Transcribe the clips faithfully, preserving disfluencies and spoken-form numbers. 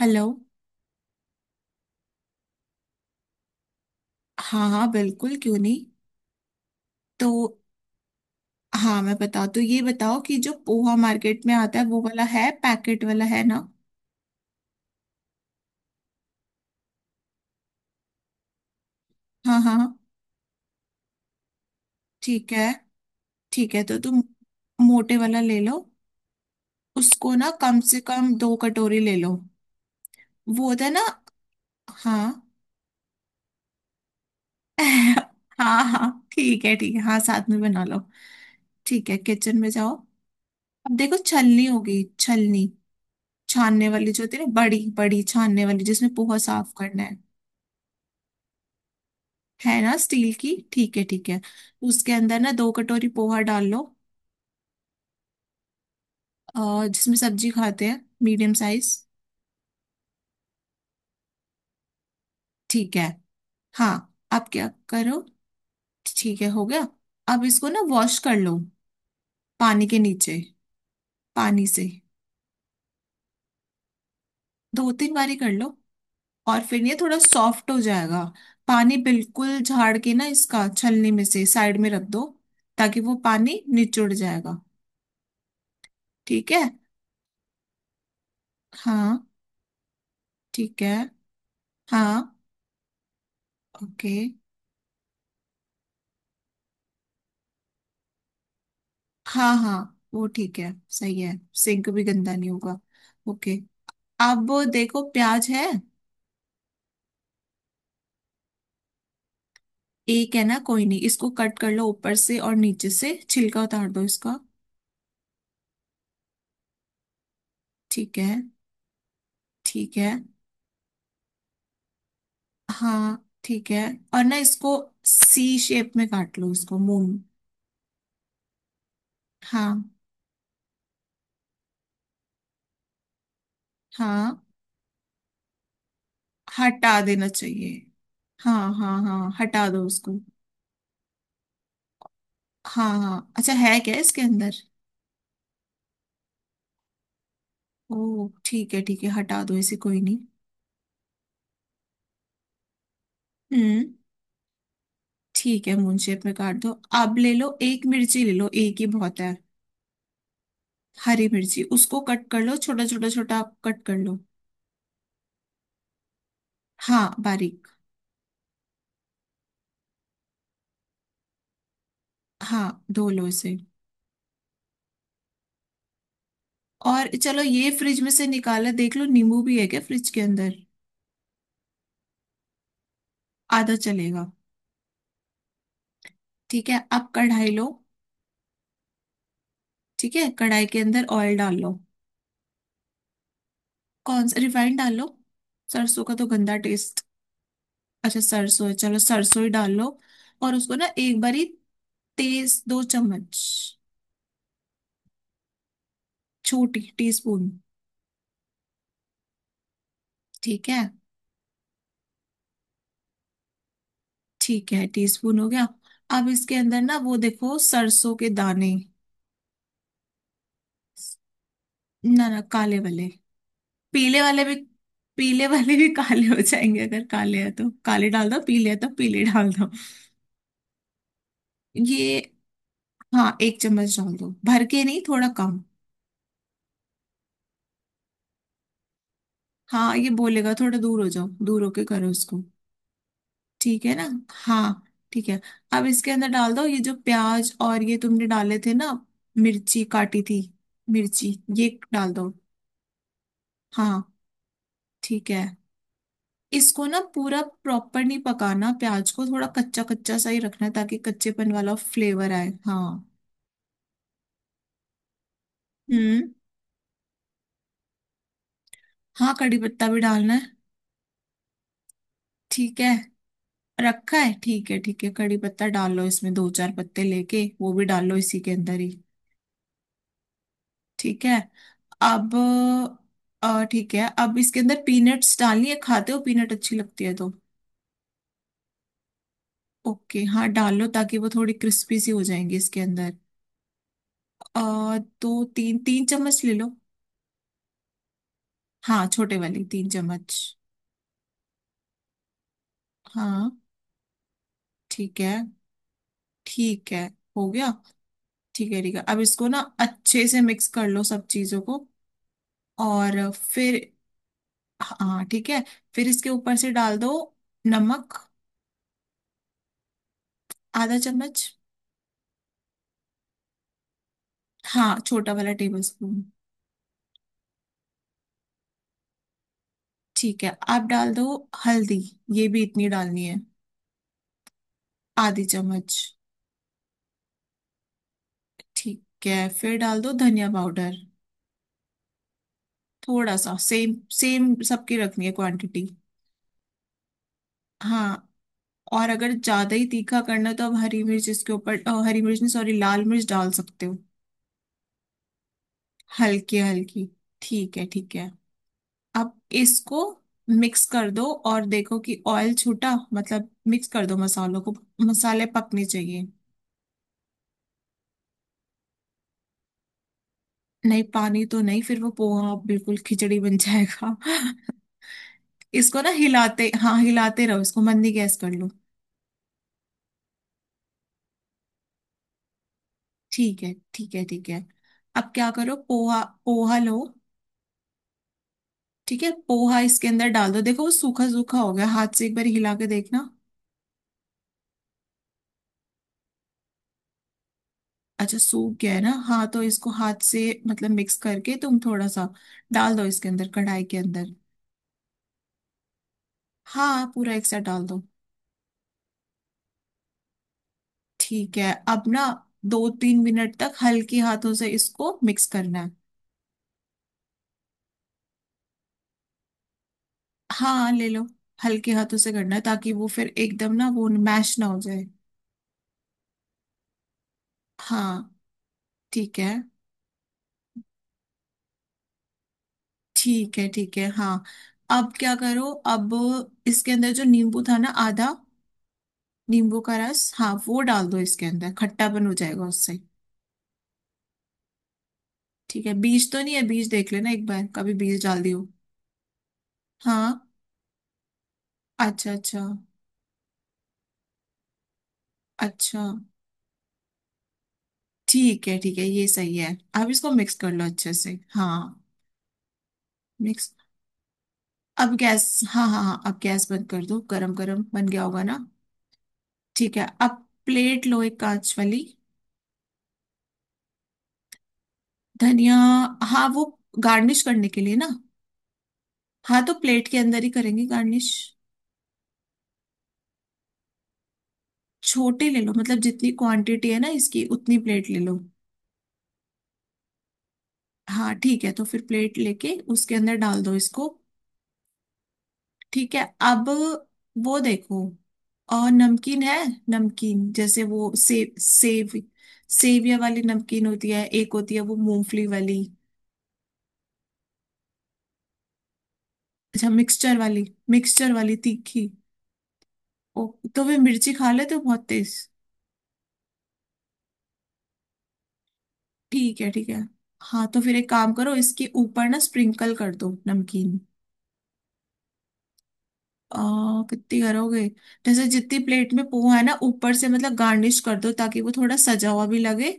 Hello. हाँ हाँ बिल्कुल, क्यों नहीं। तो हाँ, मैं बताओ। तो ये बताओ कि जो पोहा मार्केट में आता है, वो वाला है, पैकेट वाला, है ना। हाँ हाँ हाँ, ठीक है ठीक है। तो तुम मोटे वाला ले लो। उसको ना कम से कम दो कटोरी ले लो। वो होता है ना। हाँ हाँ हाँ ठीक है ठीक है, हाँ साथ में बना लो। ठीक है, किचन में जाओ। अब देखो छलनी होगी, छलनी छानने वाली जो होती है ना, बड़ी बड़ी छानने वाली, जिसमें पोहा साफ करना है। है ना स्टील की, ठीक है ठीक है। उसके अंदर ना दो कटोरी पोहा डाल लो। अ, जिसमें सब्जी खाते हैं, मीडियम साइज। ठीक है। हाँ अब क्या करो। ठीक है हो गया। अब इसको ना वॉश कर लो, पानी के नीचे। पानी से। दो तीन बारी कर लो और फिर ये थोड़ा सॉफ्ट हो जाएगा। पानी बिल्कुल झाड़ के ना इसका, छलनी में से साइड में रख दो, ताकि वो पानी निचुड़ जाएगा। ठीक है। हाँ ठीक है। हाँ ओके। हाँ हाँ वो ठीक है, सही है। सिंक भी गंदा नहीं होगा। ओके। अब देखो, प्याज है। एक है ना, कोई नहीं, इसको कट कर लो ऊपर से और नीचे से छिलका उतार दो इसका। ठीक है। ठीक है। हाँ ठीक है और ना इसको, सी शेप में काट लो इसको, मून। हाँ हाँ हटा देना चाहिए। हाँ हाँ हाँ हटा दो उसको। हाँ हाँ अच्छा है क्या इसके अंदर। ओ ठीक है ठीक है, हटा दो इसे, कोई नहीं। हम्म। ठीक है मून शेप में काट दो। अब ले लो एक मिर्ची, ले लो, एक ही बहुत है। हरी मिर्ची, उसको कट कर लो छोटा छोटा छोटा, कट कर लो। हाँ बारीक। हाँ धो लो इसे। और चलो ये फ्रिज में से निकाला, देख लो नींबू भी है क्या फ्रिज के अंदर। आधा चलेगा। ठीक है अब कढ़ाई लो। ठीक है, कढ़ाई के अंदर ऑयल डाल लो। कौन सा, रिफाइंड डाल लो। सरसों का तो गंदा टेस्ट। अच्छा सरसों है, चलो सरसों ही डाल लो। और उसको ना एक बारी, तेज, दो चम्मच। छोटी टीस्पून। ठीक है ठीक है, टीस्पून हो गया। अब इसके अंदर ना वो देखो, सरसों के दाने। ना ना, काले वाले। पीले वाले भी। पीले वाले भी काले हो जाएंगे, अगर काले है तो काले डाल दो, पीले है तो पीले डाल दो। ये। हाँ एक चम्मच डाल दो, भर के नहीं, थोड़ा कम। हाँ ये बोलेगा, थोड़ा दूर हो जाओ, दूर होके करो इसको। ठीक है ना। हाँ ठीक है। अब इसके अंदर डाल दो ये, जो प्याज और ये तुमने डाले थे ना, मिर्ची काटी थी, मिर्ची, ये डाल दो। हाँ ठीक है। इसको ना पूरा प्रॉपर नहीं पकाना, प्याज को थोड़ा कच्चा कच्चा सा ही रखना है, ताकि कच्चेपन वाला फ्लेवर आए। हाँ। हम्म। हाँ कड़ी पत्ता भी डालना है। ठीक है, रखा है ठीक है ठीक है, कड़ी पत्ता डाल लो इसमें, दो चार पत्ते लेके वो भी डाल लो इसी के अंदर ही। ठीक है। अब अ, ठीक है, अब इसके अंदर पीनट्स डालनी है, खाते हो पीनट, अच्छी लगती है तो। ओके हाँ डाल लो, ताकि वो थोड़ी क्रिस्पी सी हो जाएंगी इसके अंदर। अ, दो तीन तीन चम्मच ले लो। हाँ छोटे वाली तीन चम्मच। हाँ ठीक है ठीक है, हो गया। ठीक है ठीक है, अब इसको ना अच्छे से मिक्स कर लो सब चीजों को, और फिर। हाँ ठीक है। फिर इसके ऊपर से डाल दो नमक, आधा चम्मच। हाँ छोटा वाला टेबल स्पून। ठीक है, अब डाल दो हल्दी, ये भी इतनी डालनी है, आधी चम्मच। ठीक है, फिर डाल दो धनिया पाउडर। थोड़ा सा, सेम सेम सबकी रखनी है क्वांटिटी। हाँ और अगर ज्यादा ही तीखा करना है, तो आप हरी मिर्च इसके ऊपर अ, हरी मिर्च नहीं, सॉरी, लाल मिर्च डाल सकते हो। हल्की हल्की। ठीक है ठीक है। अब इसको मिक्स कर दो, और देखो कि ऑयल छूटा, मतलब मिक्स कर दो मसालों को, मसाले पकने चाहिए। नहीं, पानी तो नहीं, फिर वो पोहा बिल्कुल खिचड़ी बन जाएगा इसको ना हिलाते, हाँ हिलाते रहो इसको, मंदी गैस कर लो। ठीक है ठीक है ठीक है। अब क्या करो, पोहा पोहा लो। ठीक है पोहा इसके अंदर डाल दो, देखो वो सूखा सूखा हो गया, हाथ से एक बार हिला के देखना। अच्छा सूख गया है ना, हाँ तो इसको हाथ से मतलब मिक्स करके तुम थोड़ा सा डाल दो इसके अंदर, कढ़ाई के अंदर। हाँ पूरा एक साथ डाल दो। ठीक है, अब ना दो तीन मिनट तक हल्के हाथों से इसको मिक्स करना है। हाँ ले लो। हल्के हाथों से करना है, ताकि वो फिर एकदम ना, वो मैश ना हो जाए। हाँ ठीक है ठीक है। ठीक है। हाँ अब क्या करो। अब इसके अंदर जो नींबू था ना, आधा, नींबू का रस, हाँ वो डाल दो इसके अंदर, खट्टापन हो जाएगा उससे। ठीक है बीज तो नहीं है, बीज देख लेना एक बार, कभी बीज डाल दियो। हाँ। अच्छा अच्छा। अच्छा। ठीक है ठीक है, ये सही है। अब इसको मिक्स कर लो अच्छे से, हाँ। मिक्स। अब गैस, हाँ हाँ हाँ, अब गैस बंद कर दो, गरम गरम बन गया होगा ना। ठीक है, अब प्लेट लो, एक कांच वाली। धनिया। हाँ वो, गार्निश करने के लिए ना। हाँ तो प्लेट के अंदर ही करेंगे गार्निश। छोटे ले लो, मतलब जितनी क्वांटिटी है ना इसकी, उतनी प्लेट ले लो। हाँ ठीक है, तो फिर प्लेट लेके उसके अंदर डाल दो इसको। ठीक है। अब वो देखो, और नमकीन है, नमकीन जैसे वो सेव, सेव सेविया वाली नमकीन होती है, एक होती है वो मूंगफली वाली। अच्छा मिक्सचर वाली। मिक्सचर वाली तीखी। ओ तो वे मिर्ची खा लेते हो, बहुत तेज। ठीक है ठीक है। हाँ तो फिर एक काम करो, इसके ऊपर ना स्प्रिंकल कर दो नमकीन। अ, कितनी करोगे, जैसे जितनी प्लेट में पोहा है ना, ऊपर से मतलब गार्निश कर दो, ताकि वो थोड़ा सजा हुआ भी लगे।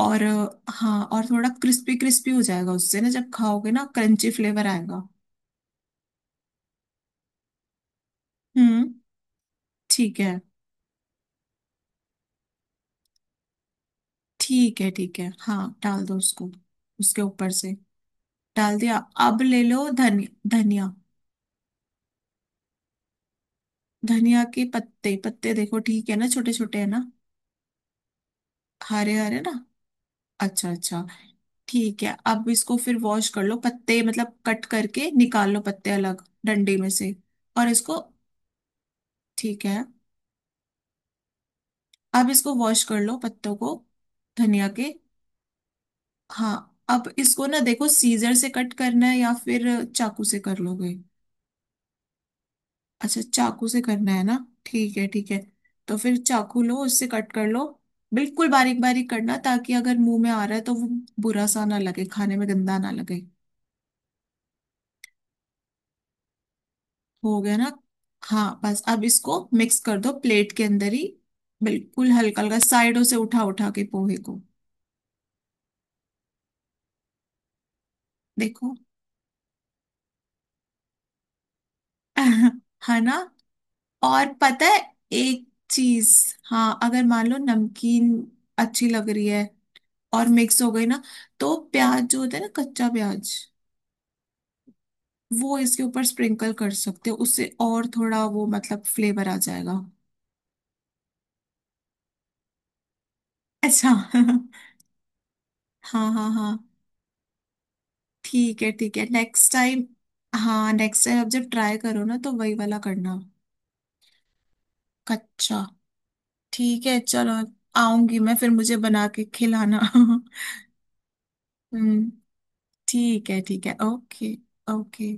और अ, हाँ, और थोड़ा क्रिस्पी क्रिस्पी हो जाएगा उससे ना, जब खाओगे ना क्रंची फ्लेवर आएगा। हम्म। ठीक है ठीक है ठीक है, हाँ डाल दो उसको, उसके ऊपर से। डाल दिया। अब ले लो धनिया, धनिया, धनिया के पत्ते, पत्ते देखो, ठीक है ना, छोटे छोटे है ना। हरे हरे ना, अच्छा अच्छा। ठीक है अब इसको फिर वॉश कर लो, पत्ते मतलब कट करके निकाल लो पत्ते, अलग डंडे में से, और इसको। ठीक है। अब इसको वॉश कर लो पत्तों को, धनिया के। हाँ अब इसको ना देखो, सीजर से कट करना है या फिर चाकू से कर लोगे। अच्छा चाकू से करना है ना, ठीक है ठीक है। तो फिर चाकू लो उससे कट कर लो, बिल्कुल बारीक बारीक करना, ताकि अगर मुंह में आ रहा है तो वो बुरा सा ना लगे, खाने में गंदा ना लगे। हो गया ना, हाँ बस, अब इसको मिक्स कर दो, प्लेट के अंदर ही, बिल्कुल हल्का हल्का, साइडों से उठा उठा के पोहे को। देखो है ना। और पता है एक चीज, हाँ, अगर मान लो नमकीन अच्छी लग रही है, और मिक्स हो गई ना, तो प्याज जो होता है ना, कच्चा प्याज, वो इसके ऊपर स्प्रिंकल कर सकते हो उससे, और थोड़ा वो मतलब फ्लेवर आ जाएगा। अच्छा हाँ हाँ हाँ ठीक है ठीक है, नेक्स्ट टाइम। हाँ नेक्स्ट टाइम अब जब ट्राई करो ना, तो वही वाला करना, कच्चा। ठीक है चलो, आऊंगी मैं, फिर मुझे बना के खिलाना हम्म। ठीक है ठीक है, ओके। ओके।